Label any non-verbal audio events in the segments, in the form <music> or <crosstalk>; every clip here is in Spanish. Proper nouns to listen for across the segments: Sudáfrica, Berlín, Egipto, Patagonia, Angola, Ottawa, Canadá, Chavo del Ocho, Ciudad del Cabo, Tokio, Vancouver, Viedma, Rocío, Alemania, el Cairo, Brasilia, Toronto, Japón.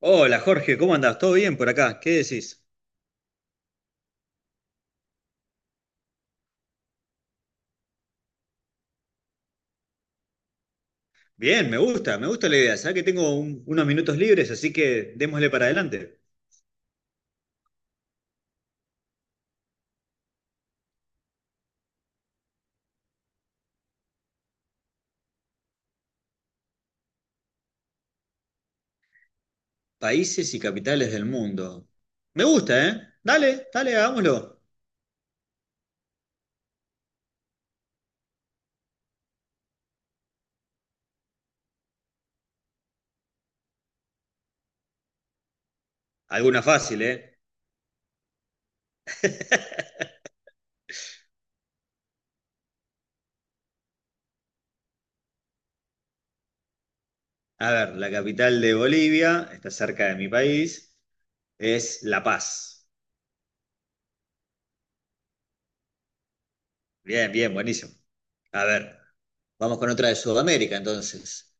Hola Jorge, ¿cómo andás? ¿Todo bien por acá? ¿Qué decís? Bien, me gusta la idea. Sabés que tengo unos minutos libres, así que démosle para adelante. Países y capitales del mundo. Me gusta, ¿eh? Dale, dale, hagámoslo. Alguna fácil, ¿eh? A ver, la capital de Bolivia, está cerca de mi país, es La Paz. Bien, bien, buenísimo. A ver, vamos con otra de Sudamérica entonces.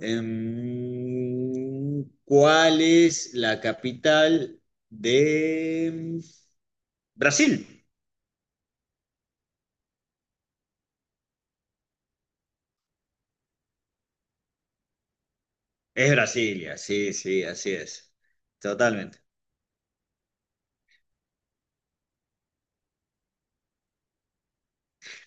¿Cuál es la capital de Brasil? Es Brasilia, sí, sí, así es. Totalmente.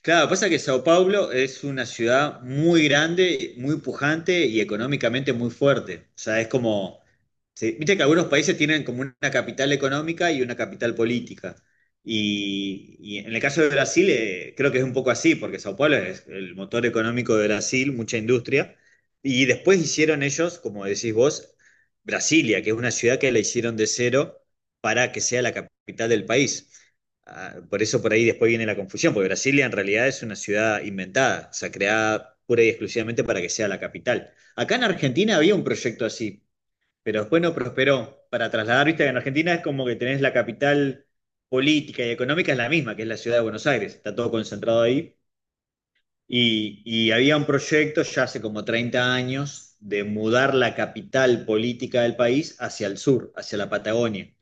Claro, pasa que Sao Paulo es una ciudad muy grande, muy pujante y económicamente muy fuerte. O sea, es como, viste que algunos países tienen como una capital económica y una capital política. Y en el caso de Brasil, creo que es un poco así, porque Sao Paulo es el motor económico de Brasil, mucha industria. Y después hicieron ellos, como decís vos, Brasilia, que es una ciudad que la hicieron de cero para que sea la capital del país. Ah, por eso por ahí después viene la confusión, porque Brasilia en realidad es una ciudad inventada, o sea, creada pura y exclusivamente para que sea la capital. Acá en Argentina había un proyecto así, pero después no prosperó. Para trasladar, viste, en Argentina es como que tenés la capital política y económica es la misma, que es la ciudad de Buenos Aires, está todo concentrado ahí. Y había un proyecto ya hace como 30 años de mudar la capital política del país hacia el sur, hacia la Patagonia,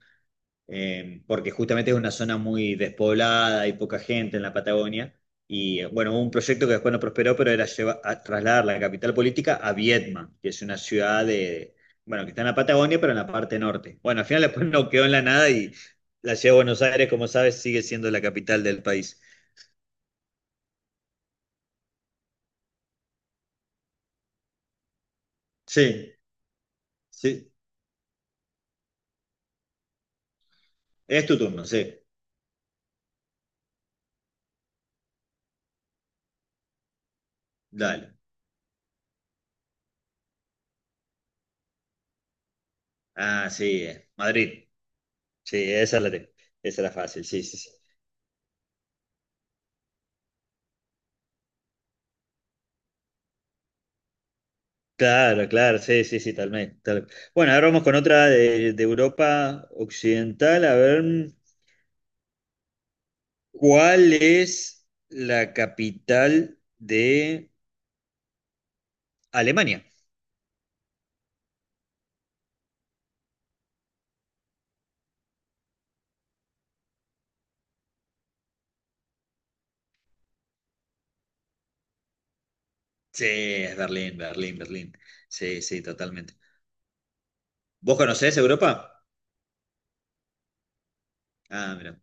porque justamente es una zona muy despoblada, hay poca gente en la Patagonia. Y bueno, hubo un proyecto que después no prosperó, pero era a trasladar la capital política a Viedma, que es una ciudad de, bueno, que está en la Patagonia, pero en la parte norte. Bueno, al final después no quedó en la nada y la ciudad de Buenos Aires, como sabes, sigue siendo la capital del país. Sí, sí. Es tu turno, sí. Dale. Ah, sí, Madrid. Sí, esa era fácil, sí, sí, sí. Claro, claro, sí, sí, sí. talmente, tal Bueno, ahora vamos con otra de Europa Occidental, a ver, cuál es la capital de Alemania. Sí, es Berlín, Berlín, Berlín. Sí, sí, totalmente. ¿Vos conocés Europa? Ah, mira.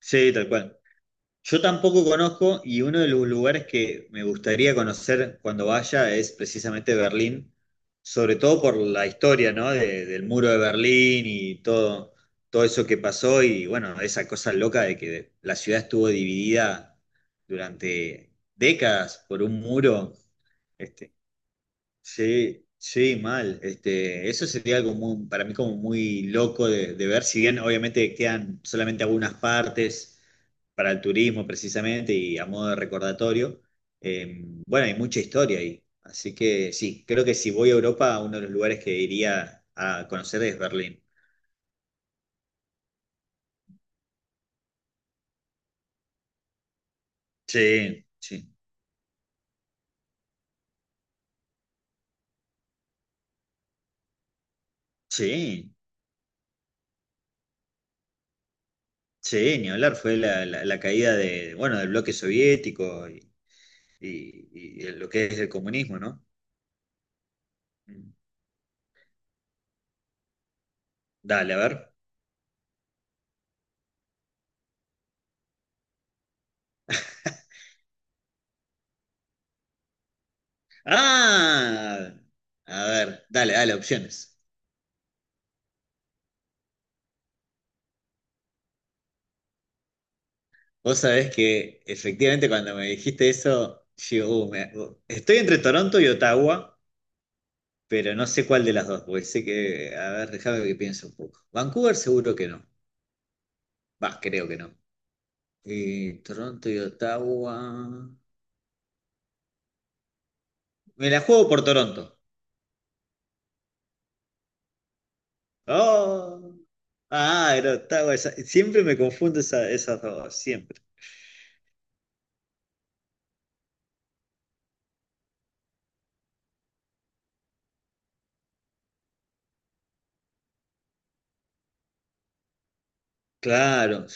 Sí, tal cual. Yo tampoco conozco y uno de los lugares que me gustaría conocer cuando vaya es precisamente Berlín, sobre todo por la historia, ¿no? Del muro de Berlín y todo eso que pasó y bueno, esa cosa loca de que la ciudad estuvo dividida durante décadas por un muro. Este, Sí, sí, mal. Eso sería algo muy, para mí como muy loco de ver. Si bien obviamente quedan solamente algunas partes para el turismo precisamente y a modo de recordatorio, bueno, hay mucha historia ahí. Así que sí, creo que si voy a Europa, uno de los lugares que iría a conocer es Berlín. Sí, sí, sí, sí, ni hablar, fue la, la caída de, bueno, del bloque soviético y lo que es el comunismo, ¿no? Dale, a ver. Ah, a ver, dale, dale, opciones. Vos sabés que efectivamente cuando me dijiste eso, yo estoy entre Toronto y Ottawa, pero no sé cuál de las dos, porque sé que, a ver, déjame que piense un poco. Vancouver seguro que no, va, creo que no. Y Toronto y Ottawa. Me la juego por Toronto. Oh, ah, era Ottawa, siempre me confundo esas dos, siempre. Claro.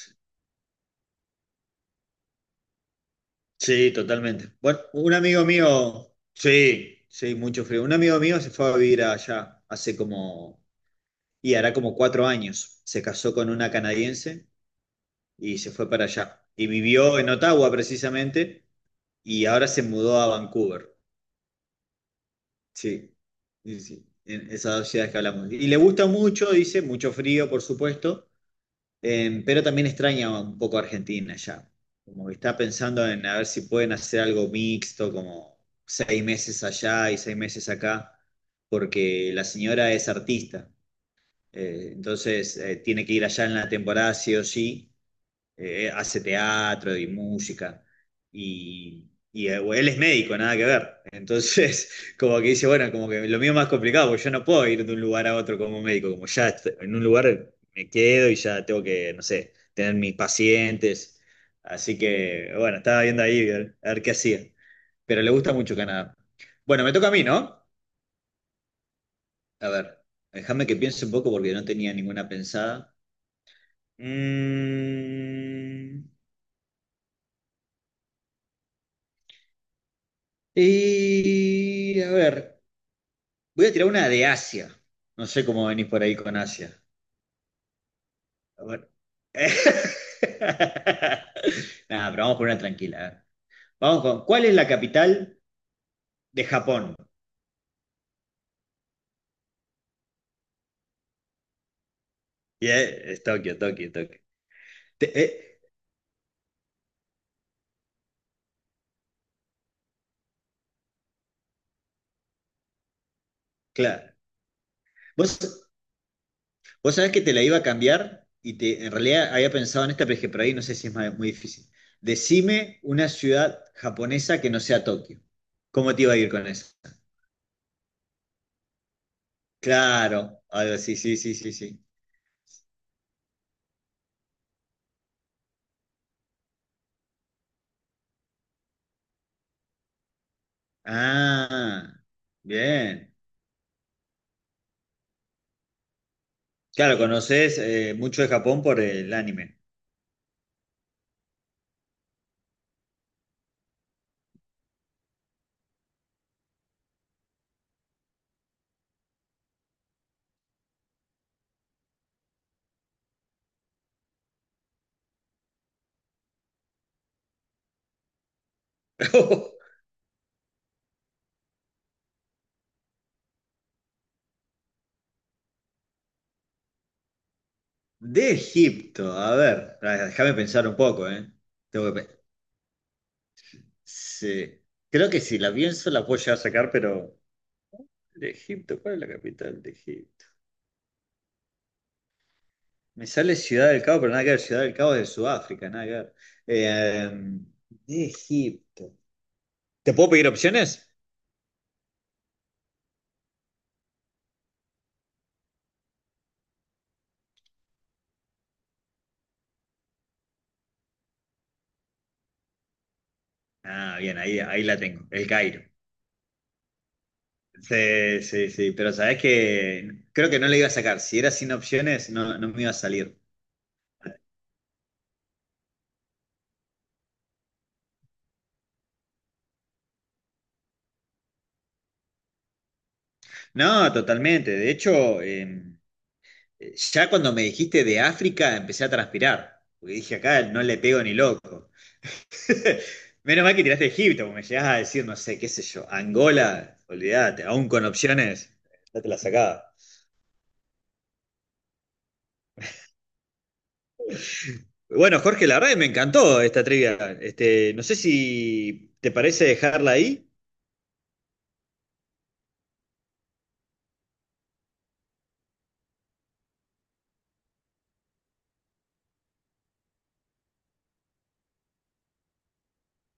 Sí, totalmente. Bueno, un amigo mío, sí, sí, mucho frío. Un amigo mío se fue a vivir allá hace como, y hará como 4 años. Se casó con una canadiense y se fue para allá. Y vivió en Ottawa precisamente y ahora se mudó a Vancouver. Sí, sí, sí, en esas dos ciudades que hablamos. Y le gusta mucho, dice, mucho frío, por supuesto. Pero también extraña un poco a Argentina ya. Como que está pensando en a ver si pueden hacer algo mixto, como 6 meses allá y 6 meses acá, porque la señora es artista. Entonces tiene que ir allá en la temporada sí o sí. Hace teatro y música, y él es médico, nada que ver. Entonces, <laughs> como que dice, bueno, como que lo mío es más complicado, porque yo no puedo ir de un lugar a otro como médico, como ya en un lugar me quedo y ya tengo que, no sé, tener mis pacientes. Así que, bueno, estaba viendo ahí a ver, qué hacía. Pero le gusta mucho Canadá. Bueno, me toca a mí, ¿no? A ver, déjame que piense un poco porque no tenía ninguna pensada. Mm. Y a ver, voy a tirar una de Asia. No sé cómo venís por ahí con Asia. A ver. <laughs> Nada, pero vamos por una tranquila. A ver. Vamos con, ¿cuál es la capital de Japón? Y, es Tokio, Tokio, Tokio. Te- eh, claro. ¿Vos, vos sabés que te la iba a cambiar y en realidad había pensado en esta, pero dije, por ahí no sé si es muy difícil. Decime una ciudad japonesa que no sea Tokio. ¿Cómo te iba a ir con eso? Claro, algo así, sí, sí, sí, sí. Ah, bien. Claro, conoces mucho de Japón por el anime. <laughs> De Egipto, a ver, ah, déjame pensar un poco, ¿eh? Tengo que pe- Sí. Creo que si la pienso la puedo llegar a sacar, pero. De Egipto, ¿cuál es la capital de Egipto? Me sale Ciudad del Cabo, pero nada que ver, Ciudad del Cabo es de Sudáfrica, nada que ver. Eh, de Egipto. ¿Te puedo pedir opciones? Ah, bien, ahí la tengo, El Cairo. Sí, sí, sí, pero sabes que creo que no le iba a sacar. Si era sin opciones, no, no me iba a salir. No, totalmente. De hecho, ya cuando me dijiste de África, empecé a transpirar. Porque dije, acá no le pego ni loco. <laughs> Menos mal que tiraste Egipto, porque me llegás a decir, no sé, qué sé yo, Angola, olvídate, aún con opciones, ya te la sacaba. Bueno, Jorge, la verdad que me encantó esta trivia. No sé si te parece dejarla ahí.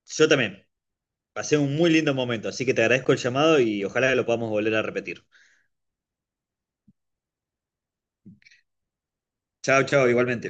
Yo también. Pasé un muy lindo momento, así que te agradezco el llamado y ojalá que lo podamos volver a repetir. Chao, chao, igualmente.